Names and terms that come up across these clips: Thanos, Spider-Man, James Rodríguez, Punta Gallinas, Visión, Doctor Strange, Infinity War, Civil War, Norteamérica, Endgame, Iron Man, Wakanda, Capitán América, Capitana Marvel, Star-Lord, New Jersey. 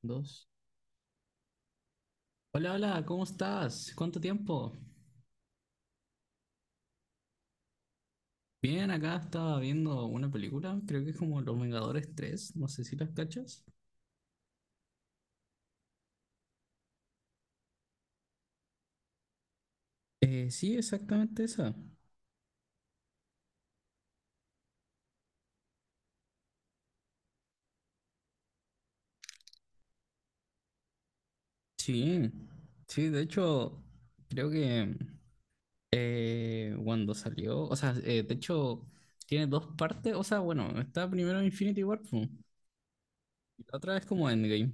Dos. Hola, hola, ¿cómo estás? ¿Cuánto tiempo? Bien, acá estaba viendo una película, creo que es como Los Vengadores tres, no sé si las cachas. Sí, exactamente esa. Sí, sí, de hecho, creo que cuando salió, o sea, de hecho, tiene dos partes, o sea, bueno, está primero Infinity War, pu, y la otra es como Endgame.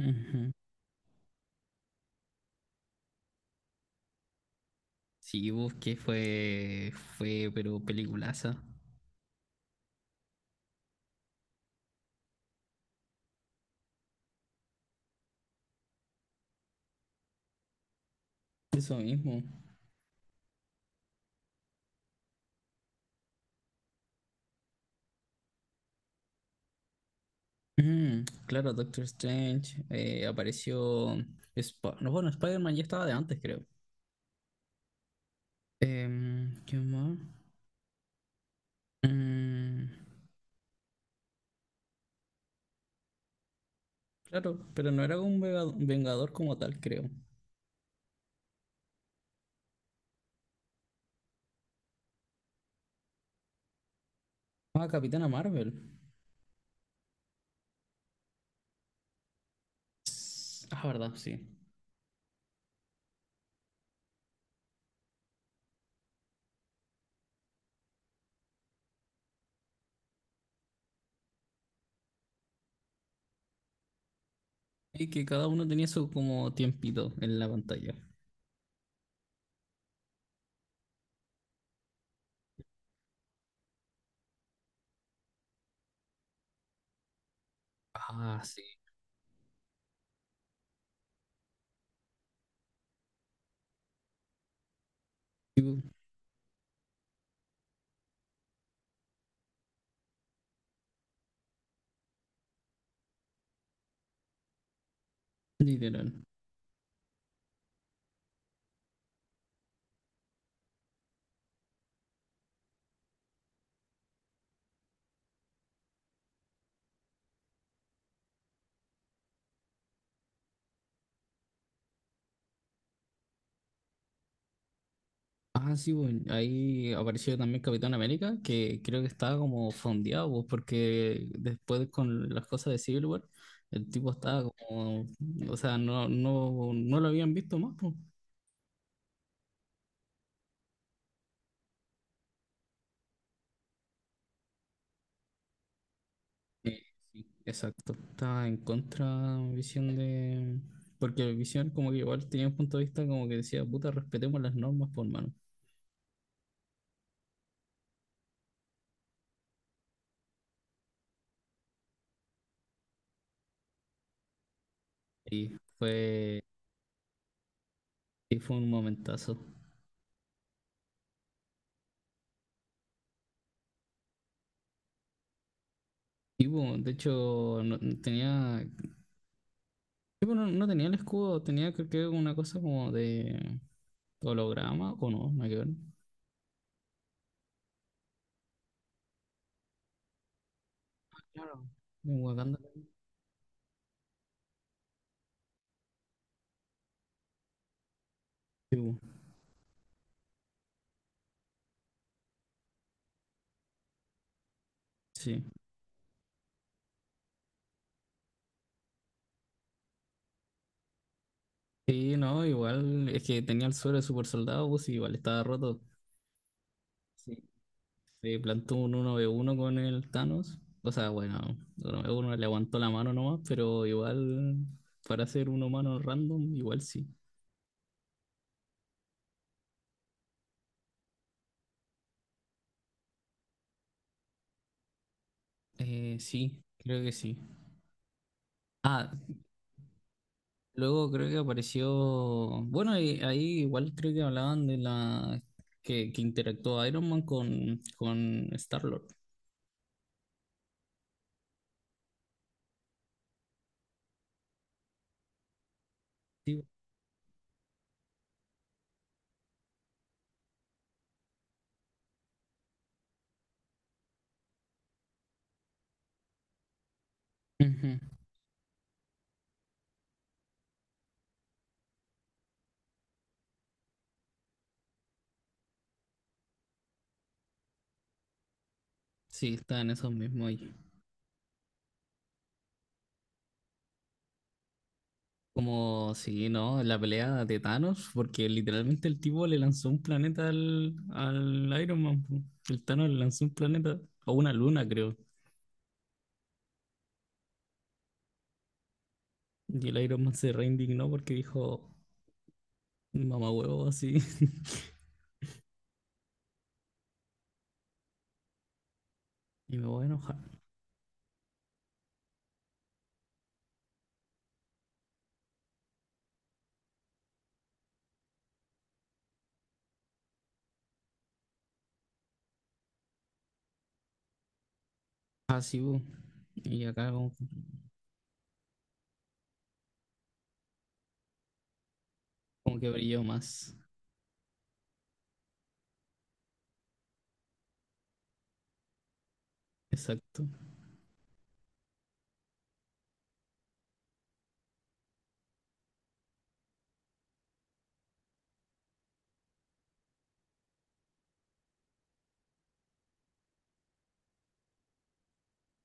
Ujú. Sí, busqué, fue, pero peliculaza. Eso mismo. Mm, claro, Doctor Strange apareció. No, bueno, Spider-Man ya estaba de antes, creo. ¿Qué más? Mm, claro, pero no era un vengador como tal, creo. Ah, Capitana Marvel. Ah, verdad, sí. Y que cada uno tenía su como tiempito en la pantalla. Ah, sí. Sí, bu. Literal. Ah, sí, bueno, ahí apareció también Capitán América, que creo que estaba como fondeado, pues, porque después con las cosas de Civil War, el tipo estaba como, o sea, no, no lo habían visto más, pues. Eh, sí, exacto, estaba en contra Visión de... Porque Visión como que igual tenía un punto de vista como que decía, puta, respetemos las normas, por mano. Y fue, y fue un momentazo. Y bueno, de hecho, tenía. Sí, pero no tenía el escudo, tenía creo que una cosa como de holograma, o no, no hay que ver. Claro. En Wakanda. Sí, bu. Sí. Sí, no, igual es que tenía el suelo de super soldado, pues y igual estaba roto. Sí. Se plantó un uno v uno con el Thanos. O sea, bueno, 1v1 le aguantó la mano nomás, pero igual para ser un humano random, igual sí. Sí, creo que sí. Ah. Luego creo que apareció, bueno, y ahí igual creo que hablaban de la que interactuó Iron Man con Star-Lord. Sí. Ujú. Sí, está en esos mismos ahí. Como, sí, ¿no? La pelea de Thanos, porque literalmente el tipo le lanzó un planeta al, al Iron Man, po. El Thanos le lanzó un planeta, o una luna, creo. Y el Iron Man se reindignó porque dijo, mamá huevo, así, y me voy a enojar. Así, po. Y acá como. Como que brilló más. Exacto.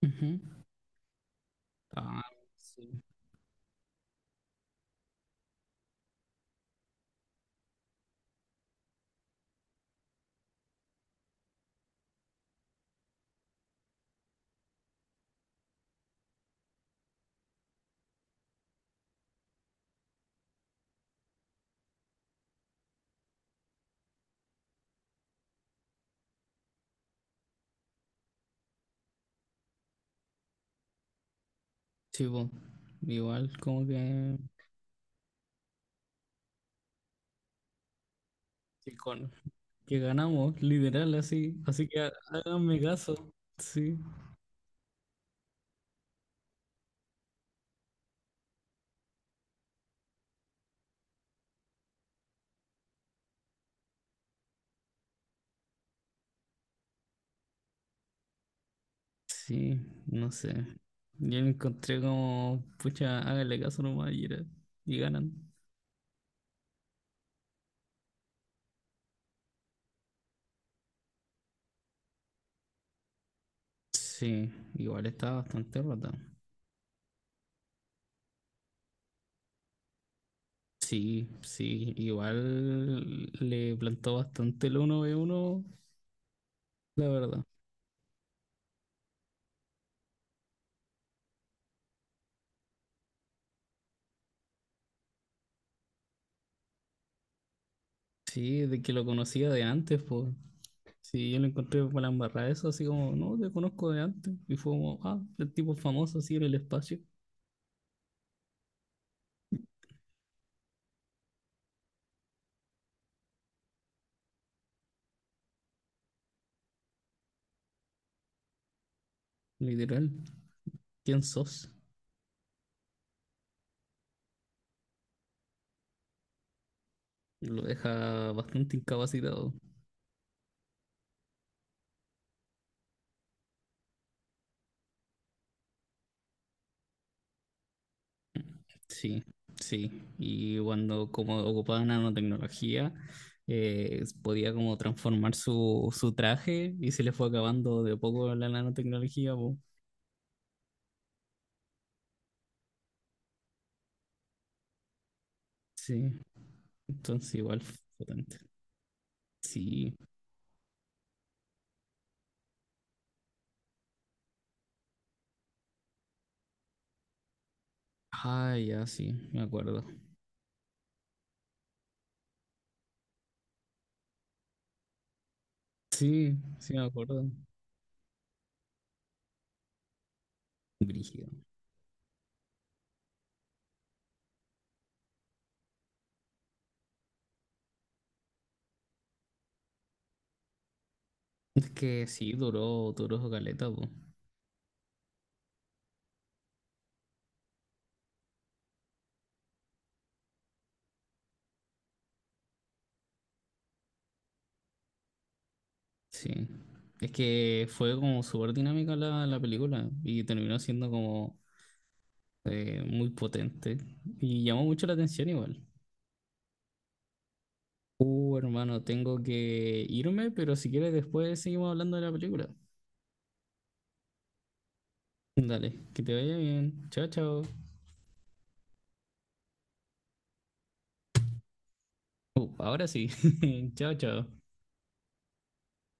Ujú. Ah, sí. Sí, po. Igual como que, que ganamos, literal, así. Así que háganme caso. Sí. Sí, no sé. Yo lo encontré como, pucha, háganle caso nomás y ganan. Sí, igual estaba bastante rota. Sí, sí, igual le plantó bastante el uno ve uno, la verdad. Sí, de que lo conocía de antes, pues. Sí, yo lo encontré con la embarrada eso, así como, no, te conozco de antes. Y fue como, ah, el tipo famoso así en el espacio. Literal, ¿quién sos? Lo deja bastante incapacitado. Sí, sí. Y cuando como ocupaba nanotecnología, podía como transformar su, su traje y se le fue acabando de a poco la nanotecnología, po. Sí, entonces igual fue potente. Sí. Ah, ya sí, me acuerdo. Sí, sí me acuerdo. Brígido. Es que sí, duró, duró su caleta, po. Sí. Es que fue como súper dinámica la, la película y terminó siendo como muy potente y llamó mucho la atención igual. Hermano, tengo que irme, pero si quieres después seguimos hablando de la película. Dale, que te vaya bien. Chao, chao. Ahora sí. Chao, chao.